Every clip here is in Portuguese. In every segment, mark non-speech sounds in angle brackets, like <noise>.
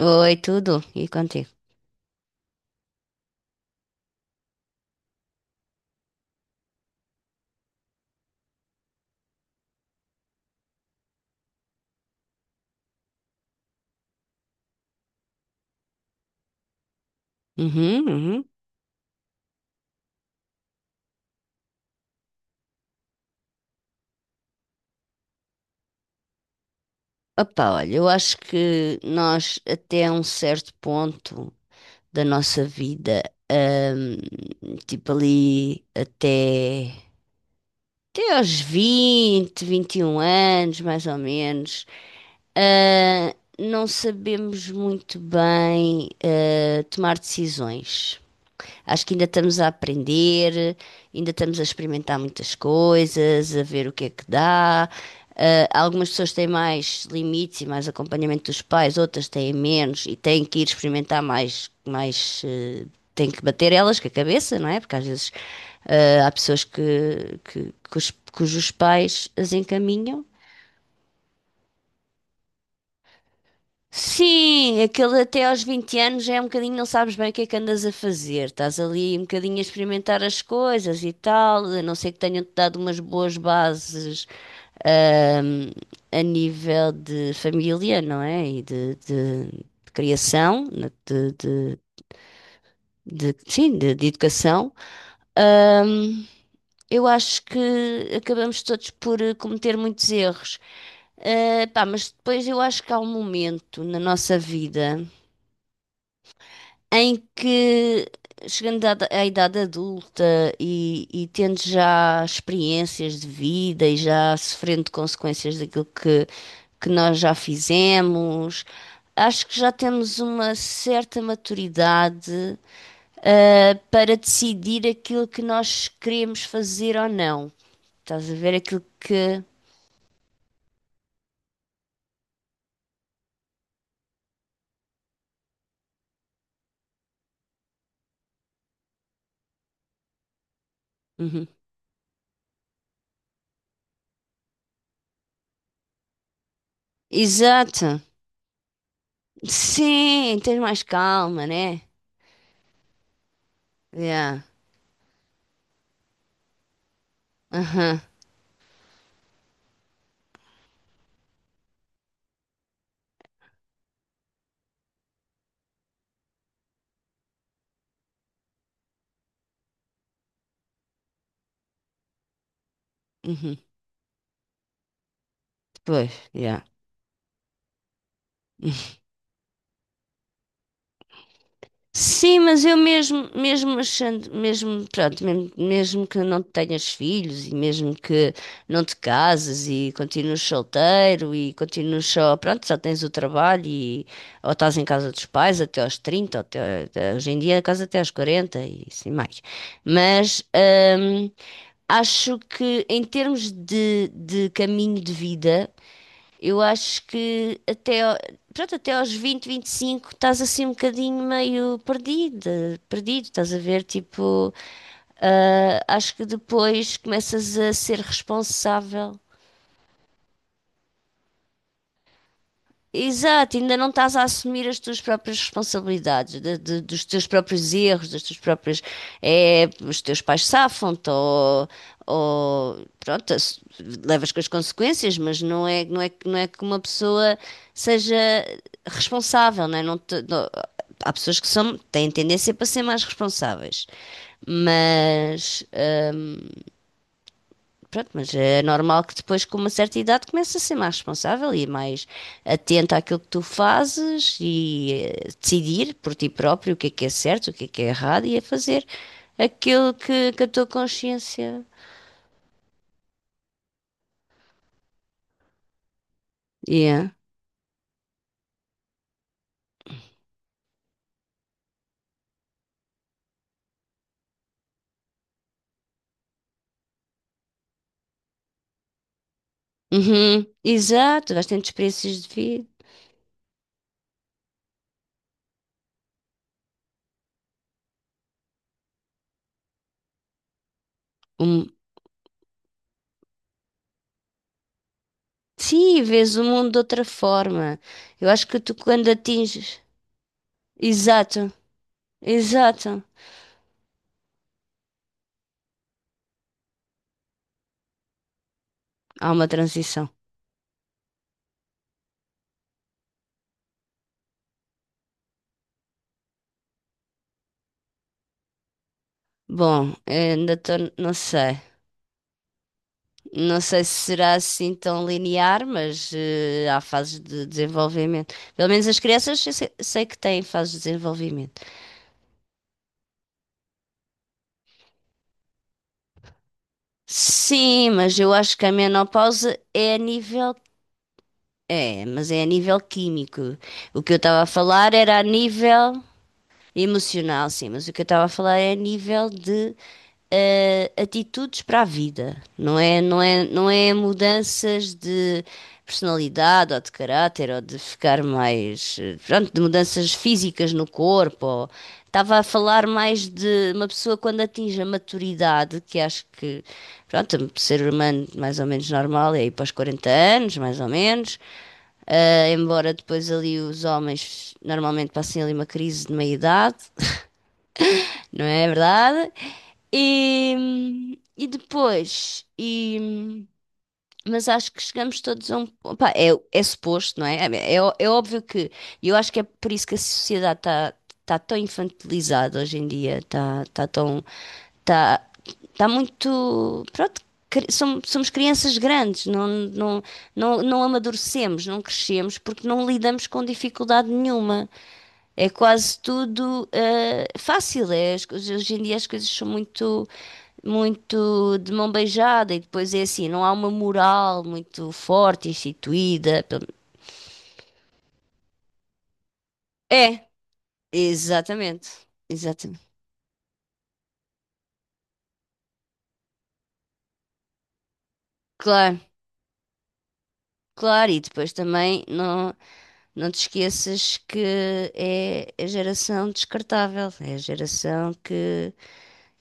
Oi, tudo? E contigo? Uhum, uhum. Opa, olha, eu acho que nós, até um certo ponto da nossa vida, ahm, tipo ali até aos 20, 21 anos, mais ou menos, ah, não sabemos muito bem, tomar decisões. Acho que ainda estamos a aprender, ainda estamos a experimentar muitas coisas, a ver o que é que dá. Algumas pessoas têm mais limites e mais acompanhamento dos pais, outras têm menos e têm que ir experimentar mais, têm que bater elas com a cabeça, não é? Porque às vezes há pessoas que cujos pais as encaminham. Sim, aquele até aos 20 anos é um bocadinho, não sabes bem o que é que andas a fazer. Estás ali um bocadinho a experimentar as coisas e tal, a não ser que tenham-te dado umas boas bases, ahm, a nível de família, não é? E de criação, né? Sim, de educação. Ahm, eu acho que acabamos todos por cometer muitos erros. Pá, mas depois eu acho que há um momento na nossa vida, em que, chegando à idade adulta e tendo já experiências de vida e já sofrendo consequências daquilo que nós já fizemos, acho que já temos uma certa maturidade, para decidir aquilo que nós queremos fazer ou não. Estás a ver aquilo que. Uhum. Exato. Sim, tens mais calma, né? Yeah. Aham. Uhum. Pois, yeah. Sim, mas eu mesmo, mesmo achando, mesmo, pronto, mesmo, mesmo que não tenhas filhos e mesmo que não te cases e continues solteiro e continues só, pronto, só tens o trabalho e ou estás em casa dos pais até aos 30 ou até hoje em dia casa até aos 40 e assim mais. Mas hum, acho que em termos de caminho de vida, eu acho que pronto, até aos 20, 25 estás assim um bocadinho meio perdida, perdido, estás a ver, tipo, acho que depois começas a ser responsável. Exato, ainda não estás a assumir as tuas próprias responsabilidades, dos teus próprios erros, das tuas próprias. É, os teus pais safam-te ou, ou. Pronto, levas com as consequências, mas não é não é que uma pessoa seja responsável, não é? Há pessoas que são, têm tendência para ser mais responsáveis, mas. hum, Pronto, mas é normal que depois, com uma certa idade, comece a ser mais responsável e mais atenta àquilo que tu fazes e decidir por ti próprio o que é certo, o que é errado e a fazer aquilo que a tua consciência. Yeah. Uhum. Exato, vais tendo experiências de vida. Um... Sim, vês o mundo de outra forma. Eu acho que tu, quando atinges. Exato, exato. Há uma transição. Bom, ainda estou, não sei. Não sei se será assim tão linear, mas há fases de desenvolvimento. Pelo menos as crianças eu sei, que têm fases de desenvolvimento. Sim, mas eu acho que a menopausa é a nível. É, mas é a nível químico. O que eu estava a falar era a nível emocional, sim, mas o que eu estava a falar é a nível de atitudes para a vida, não é mudanças de personalidade ou de caráter ou de ficar mais, pronto, de mudanças físicas no corpo. Estava a falar mais de uma pessoa quando atinge a maturidade, que acho que, pronto, um ser humano mais ou menos normal é ir para os 40 anos, mais ou menos, embora depois ali os homens normalmente passem ali uma crise de meia-idade, não é verdade? E depois, mas acho que chegamos todos a um. Opa, é suposto, não é? É óbvio que. E eu acho que é por isso que a sociedade está tá tão infantilizada hoje em dia. Está tão. Está tá muito. Pronto, somos crianças grandes, não amadurecemos, não crescemos porque não lidamos com dificuldade nenhuma. É quase tudo fácil. É, hoje em dia as coisas são muito muito de mão beijada e depois é assim, não há uma moral muito forte instituída. É, exatamente, exatamente. Claro, claro, e depois também não te esqueças que é a geração descartável, é a geração que,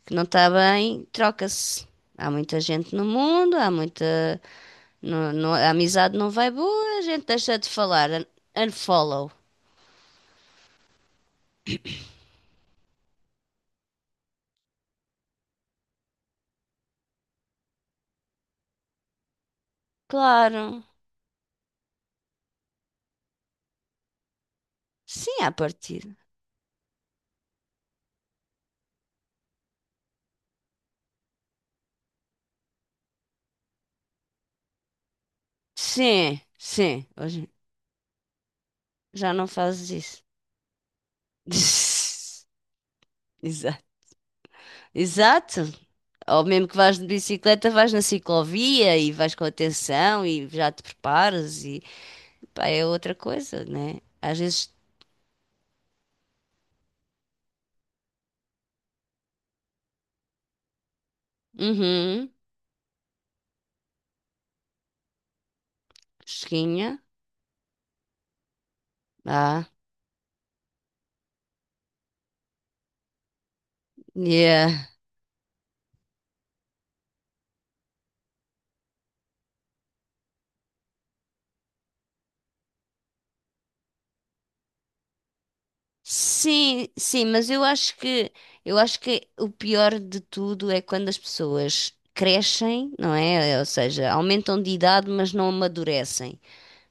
que não está bem, troca-se. Há muita gente no mundo, há muita. A amizade não vai boa, a gente deixa de falar. Unfollow. Claro. Sim, à partida. Sim, sim, hoje já não fazes isso. <laughs> Exato. Exato. Ou mesmo que vais de bicicleta, vais na ciclovia e vais com atenção e já te preparas e pá, é outra coisa, né? Às vezes, uhum, fresquinha. Ah, yeah. Sim, sim, mas eu acho que o pior de tudo é quando as pessoas crescem, não é? Ou seja, aumentam de idade, mas não amadurecem.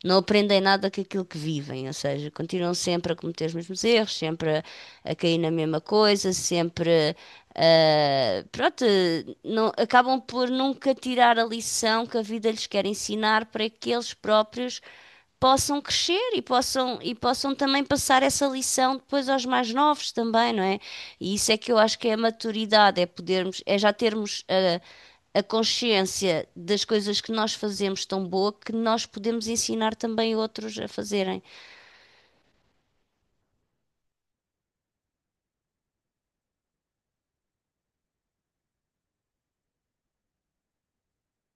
Não aprendem nada com aquilo que vivem, ou seja, continuam sempre a cometer os mesmos erros, sempre a cair na mesma coisa, sempre, pronto, não, acabam por nunca tirar a lição que a vida lhes quer ensinar para que eles próprios possam crescer e possam também passar essa lição depois aos mais novos também, não é? E isso é que eu acho que é a maturidade, é podermos, é já termos a consciência das coisas que nós fazemos tão boa que nós podemos ensinar também outros a fazerem.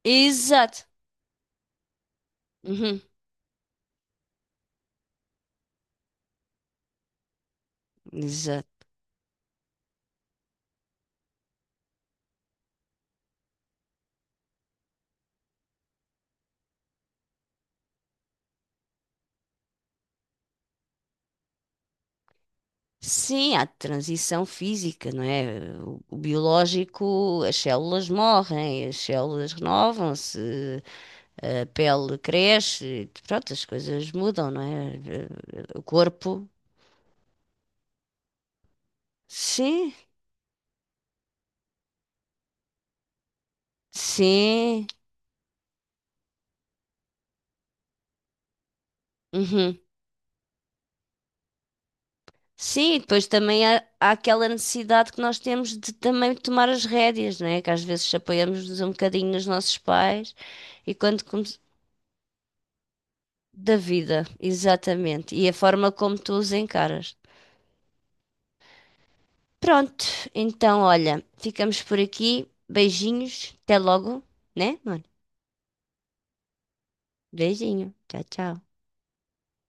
Exato. Uhum. Exato. Sim, há transição física, não é? O biológico, as células morrem, as células renovam-se, a pele cresce, pronto, as coisas mudam, não é? O corpo. Sim, sim. Uhum. Sim, e depois também há aquela necessidade que nós temos de também tomar as rédeas, né? Que às vezes apoiamos-nos um bocadinho nos nossos pais e da vida, exatamente, e a forma como tu os encaras. Pronto, então olha, ficamos por aqui. Beijinhos, até logo, né, mano? Beijinho, tchau, tchau.